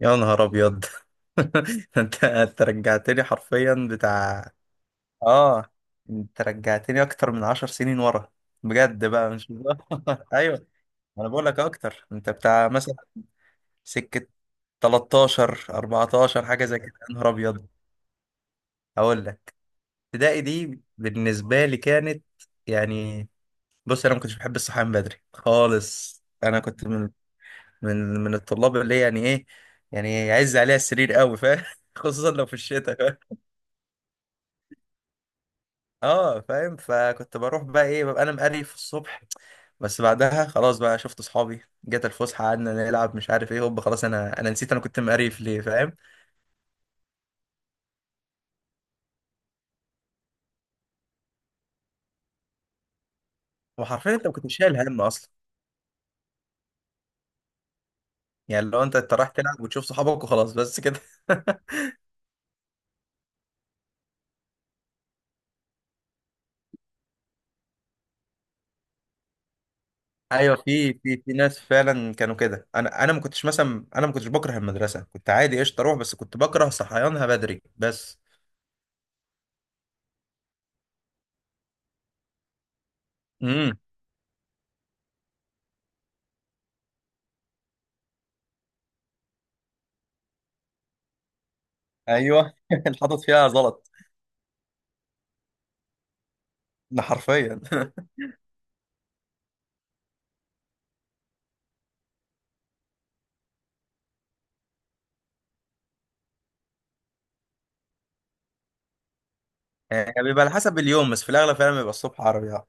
يا نهار ابيض. انت رجعتني حرفيا بتاع. اه، انت رجعتني اكتر من 10 سنين ورا بجد بقى، مش بهزر. ايوه، انا بقول لك اكتر، انت بتاع مثلا سكه 13 14 حاجه زي كده. يا نهار ابيض. هقول لك، ابتدائي دي بالنسبه لي كانت يعني، بص، انا ما كنتش بحب الصحيان من بدري خالص. انا كنت من الطلاب اللي يعني ايه، يعني يعز عليها السرير قوي، فاهم؟ خصوصا لو في الشتاء. اه فاهم، فكنت بروح بقى ايه، ببقى انا مقريف الصبح. بس بعدها خلاص بقى، شفت اصحابي، جت الفسحه، قعدنا نلعب، مش عارف ايه، هوب، خلاص انا نسيت انا كنت مقريف ليه، فاهم؟ وحرفيا انت ما كنتش شايل هم اصلا، يعني لو انت أنت رايح تلعب وتشوف صحابك وخلاص، بس كده. ايوه، في ناس فعلا كانوا كده. انا انا ما كنتش مثلا، انا ما كنتش بكره المدرسه، كنت عادي قشطه اروح، بس كنت بكره صحيانها بدري بس. امم، ايوه. اللي حاطط فيها غلط، ده حرفيا. يعني بيبقى على حسب اليوم، بس في الاغلب فعلا بيبقى الصبح عربي آه.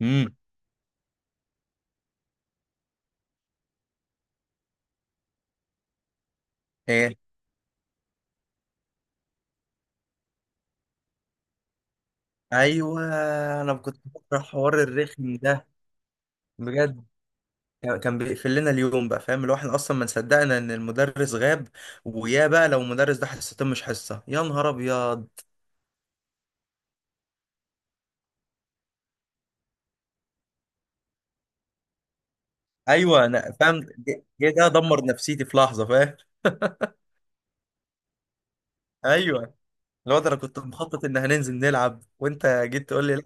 امم، ايه، ايوه. انا كنت بكره حوار الرخم ده بجد. كان بيقفل لنا اليوم بقى، فاهم؟ اللي هو احنا اصلا ما صدقنا ان المدرس غاب، ويا بقى لو المدرس ده حصتين مش حصه، يا نهار ابيض. ايوه انا فاهم، جه ده دمر نفسيتي في لحظه، فاهم؟ ايوه. الواد انا كنت مخطط ان هننزل نلعب، وانت جيت تقول لي لا.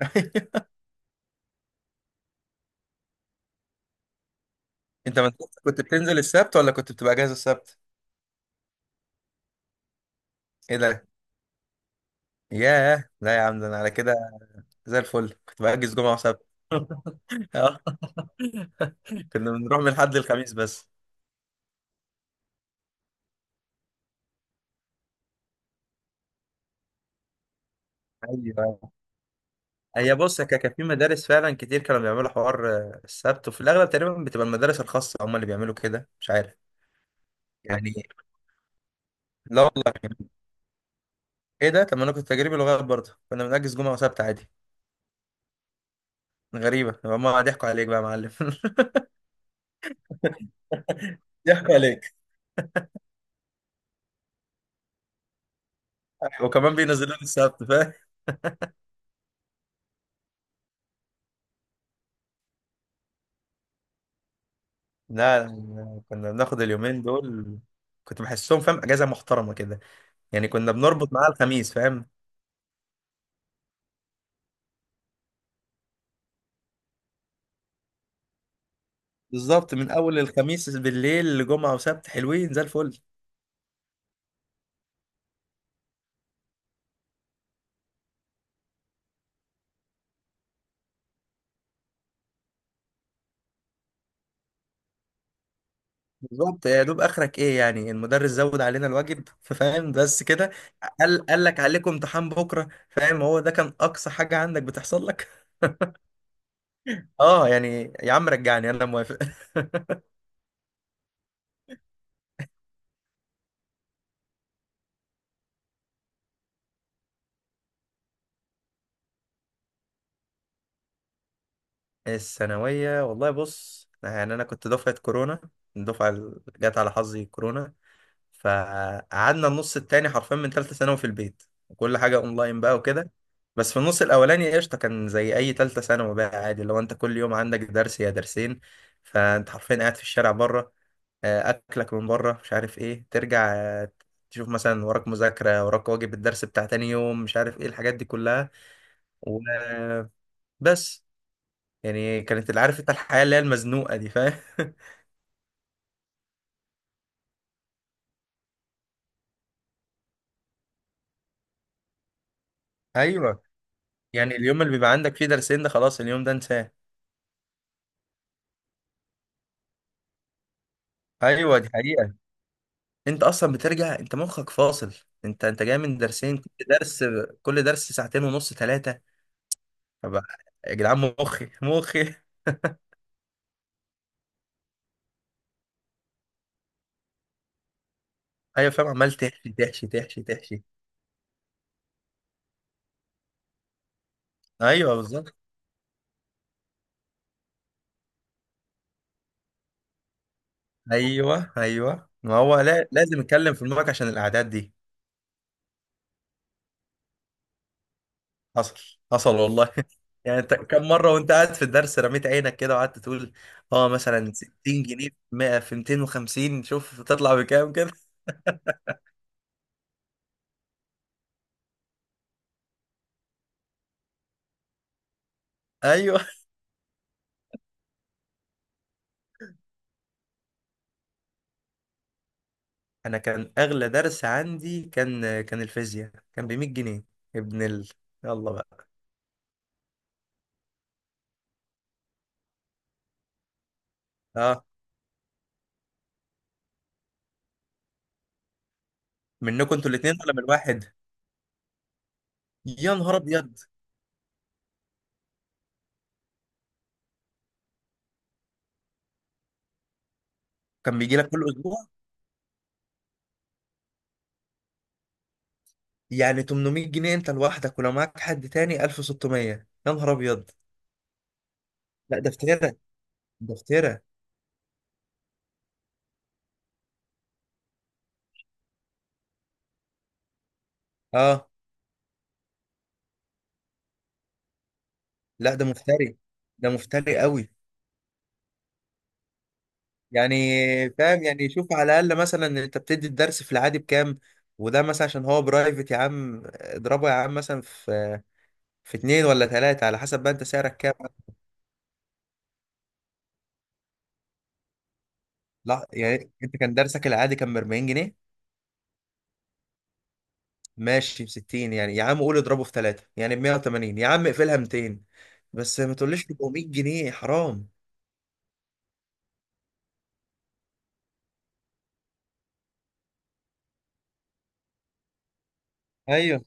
انت ما كنت بتنزل السبت، ولا كنت بتبقى اجازه السبت؟ ايه ده. ياه، لا يا عم، ده انا على كده زي الفل كنت بأجز جمعه وسبت. اه، كنا بنروح من الحد للخميس بس. ايوه. هي بص، كان في مدارس فعلا كتير كانوا بيعملوا حوار السبت، وفي الاغلب تقريبا بتبقى المدارس الخاصه هم اللي بيعملوا كده، مش عارف يعني. لا والله؟ ايه ده، طب ما انا كنت تجريبي لغايه برضه، كنا بنأجز جمعه وسبت عادي. غريبه، هم ضحكوا عليك بقى يا معلم. ضحكوا عليك، وكمان بينزلوا لي السبت، فاهم؟ لا لا، كنا بناخد اليومين دول. كنت بحسهم فاهم اجازه محترمه كده، يعني كنا بنربط معاها الخميس، فاهم؟ بالظبط، من اول الخميس بالليل لجمعه وسبت حلوين زي الفل. بالظبط، يا دوب اخرك ايه؟ يعني المدرس زود علينا الواجب، فاهم، بس كده. قال لك عليكم امتحان بكره، فاهم؟ هو ده كان اقصى حاجه عندك بتحصل لك. اه يعني يا عم رجعني، انا موافق. الثانويه والله، بص يعني انا كنت دفعه كورونا، الدفعه اللي جت على حظي كورونا. فقعدنا النص التاني حرفيا من تالتة ثانوي في البيت، وكل حاجة اونلاين بقى وكده. بس في النص الاولاني قشطة، كان زي اي تالتة ثانوي بقى عادي، لو انت كل يوم عندك درس يا درسين، فانت حرفيا قاعد في الشارع بره، اكلك من بره، مش عارف ايه، ترجع، تشوف مثلا وراك مذاكرة، وراك واجب الدرس بتاع تاني يوم، مش عارف ايه الحاجات دي كلها. وبس، يعني كانت اللي عارف انت، الحياة اللي هي المزنوقة دي، فاهم؟ ايوه، يعني اليوم اللي بيبقى عندك فيه درسين ده، خلاص اليوم ده انساه. ايوه دي حقيقة. انت اصلا بترجع انت مخك فاصل، انت جاي من درسين، كل درس، كل درس ساعتين ونص، ثلاثه. طب يا جدعان، مخي مخي. ايوه فاهم، عمال تحشي تحشي تحشي تحشي. ايوه بالظبط. ايوه ايوه، ما هو لا، لازم اتكلم في المارك عشان الاعداد دي. حصل، حصل والله. يعني انت كم مره وانت قاعد في الدرس رميت عينك كده، وقعدت تقول اه، مثلا 60 جنيه في 100 في 250، شوف تطلع بكام كده. ايوه. انا كان اغلى درس عندي، كان الفيزياء، كان ب 100 جنيه. ابن يلا بقى. اه، منكم انتوا الاثنين ولا من واحد؟ يا نهار ابيض. كان بيجي لك كل اسبوع؟ يعني 800 جنيه انت لوحدك، ولو معاك حد تاني 1600. يا نهار ابيض. لا ده افتراء، ده افتراء. اه، لا ده مفتري، ده مفتري قوي. يعني فاهم، يعني شوف على الاقل، مثلا انت بتدي الدرس في العادي بكام، وده مثلا عشان هو برايفت، يا عم اضربه يا عم مثلا في اتنين ولا تلاتة، على حسب بقى انت سعرك كام. لا يعني انت كان درسك العادي كان ب 40 جنيه، ماشي ب 60، يعني يا عم قول اضربه في تلاتة، يعني ب 180، يا عم اقفلها 200، بس ما تقوليش 400 جنيه، حرام. ايوه.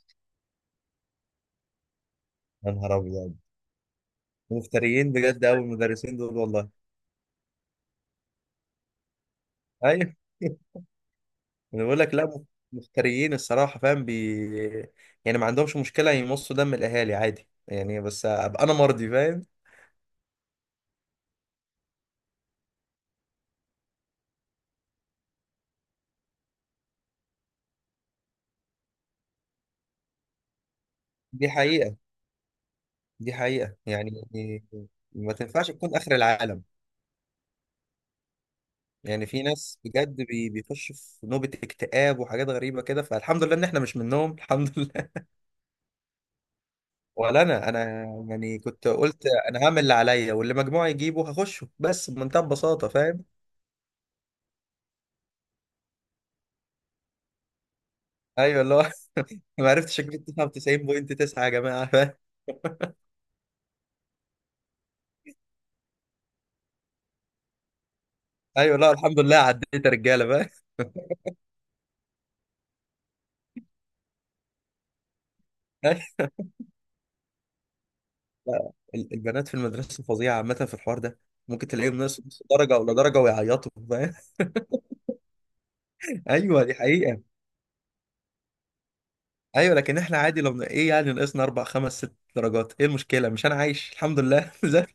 يا نهار ابيض، مفتريين بجد قوي المدرسين دول والله. ايوه. انا بقول لك لا، مفتريين الصراحه، فاهم يعني، ما عندهمش مشكله يمصوا دم الاهالي عادي يعني، بس ابقى انا مرضي، فاهم؟ دي حقيقه، دي حقيقه يعني، ما تنفعش تكون اخر العالم. يعني في ناس بجد، بيخش في نوبة اكتئاب وحاجات غريبة كده، فالحمد لله ان احنا مش منهم. الحمد لله. ولا انا يعني كنت قلت انا هعمل اللي عليا، واللي مجموعي يجيبه هخشه، بس بمنتهى البساطة، فاهم؟ ايوه اللي هو. ما عرفتش اجيب 99.9، يا جماعة، فاهم؟ ايوه لا، الحمد لله عديت يا رجالة، فاهم؟ لا، البنات في المدرسة فظيعة عامة في الحوار ده. ممكن تلاقيهم ناقص نص درجة ولا درجة ويعيطوا، فاهم؟ ايوه دي حقيقة. ايوه لكن احنا عادي، لو ايه، يعني ناقصنا اربع خمس ست درجات، ايه المشكله؟ مش انا عايش الحمد لله؟ زي،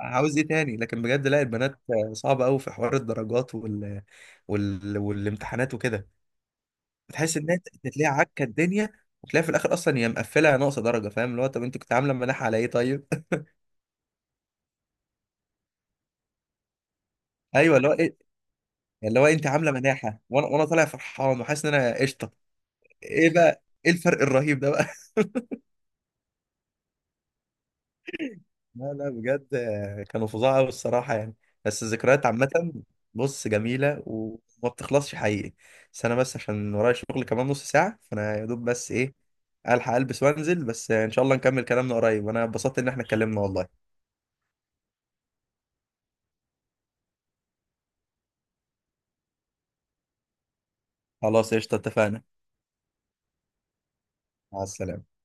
عاوز ايه تاني؟ لكن بجد لا، البنات صعبه قوي في حوار الدرجات وال... وال... والامتحانات وكده. بتحس ان انت تلاقي عكه الدنيا، وتلاقي في الاخر اصلا هي مقفله ناقصه درجه، فاهم؟ اللي هو، طب انت كنت عامله مناحه على ايه طيب؟ ايوه اللي هو ايه، اللي هو انت عامله مناحه، وانا طالع فرحان وحاسس ان انا قشطه. ايه بقى، ايه الفرق الرهيب ده بقى؟ لا لا بجد، كانوا فظاع قوي الصراحه، يعني بس الذكريات عامه، بص جميله وما بتخلصش حقيقي. بس انا، بس عشان ورايا شغل كمان نص ساعه، فانا يا دوب بس ايه، الحق البس وانزل، بس ان شاء الله نكمل كلامنا قريب، وانا اتبسطت ان احنا اتكلمنا والله. خلاص قشطه، اتفقنا. مع السلامه.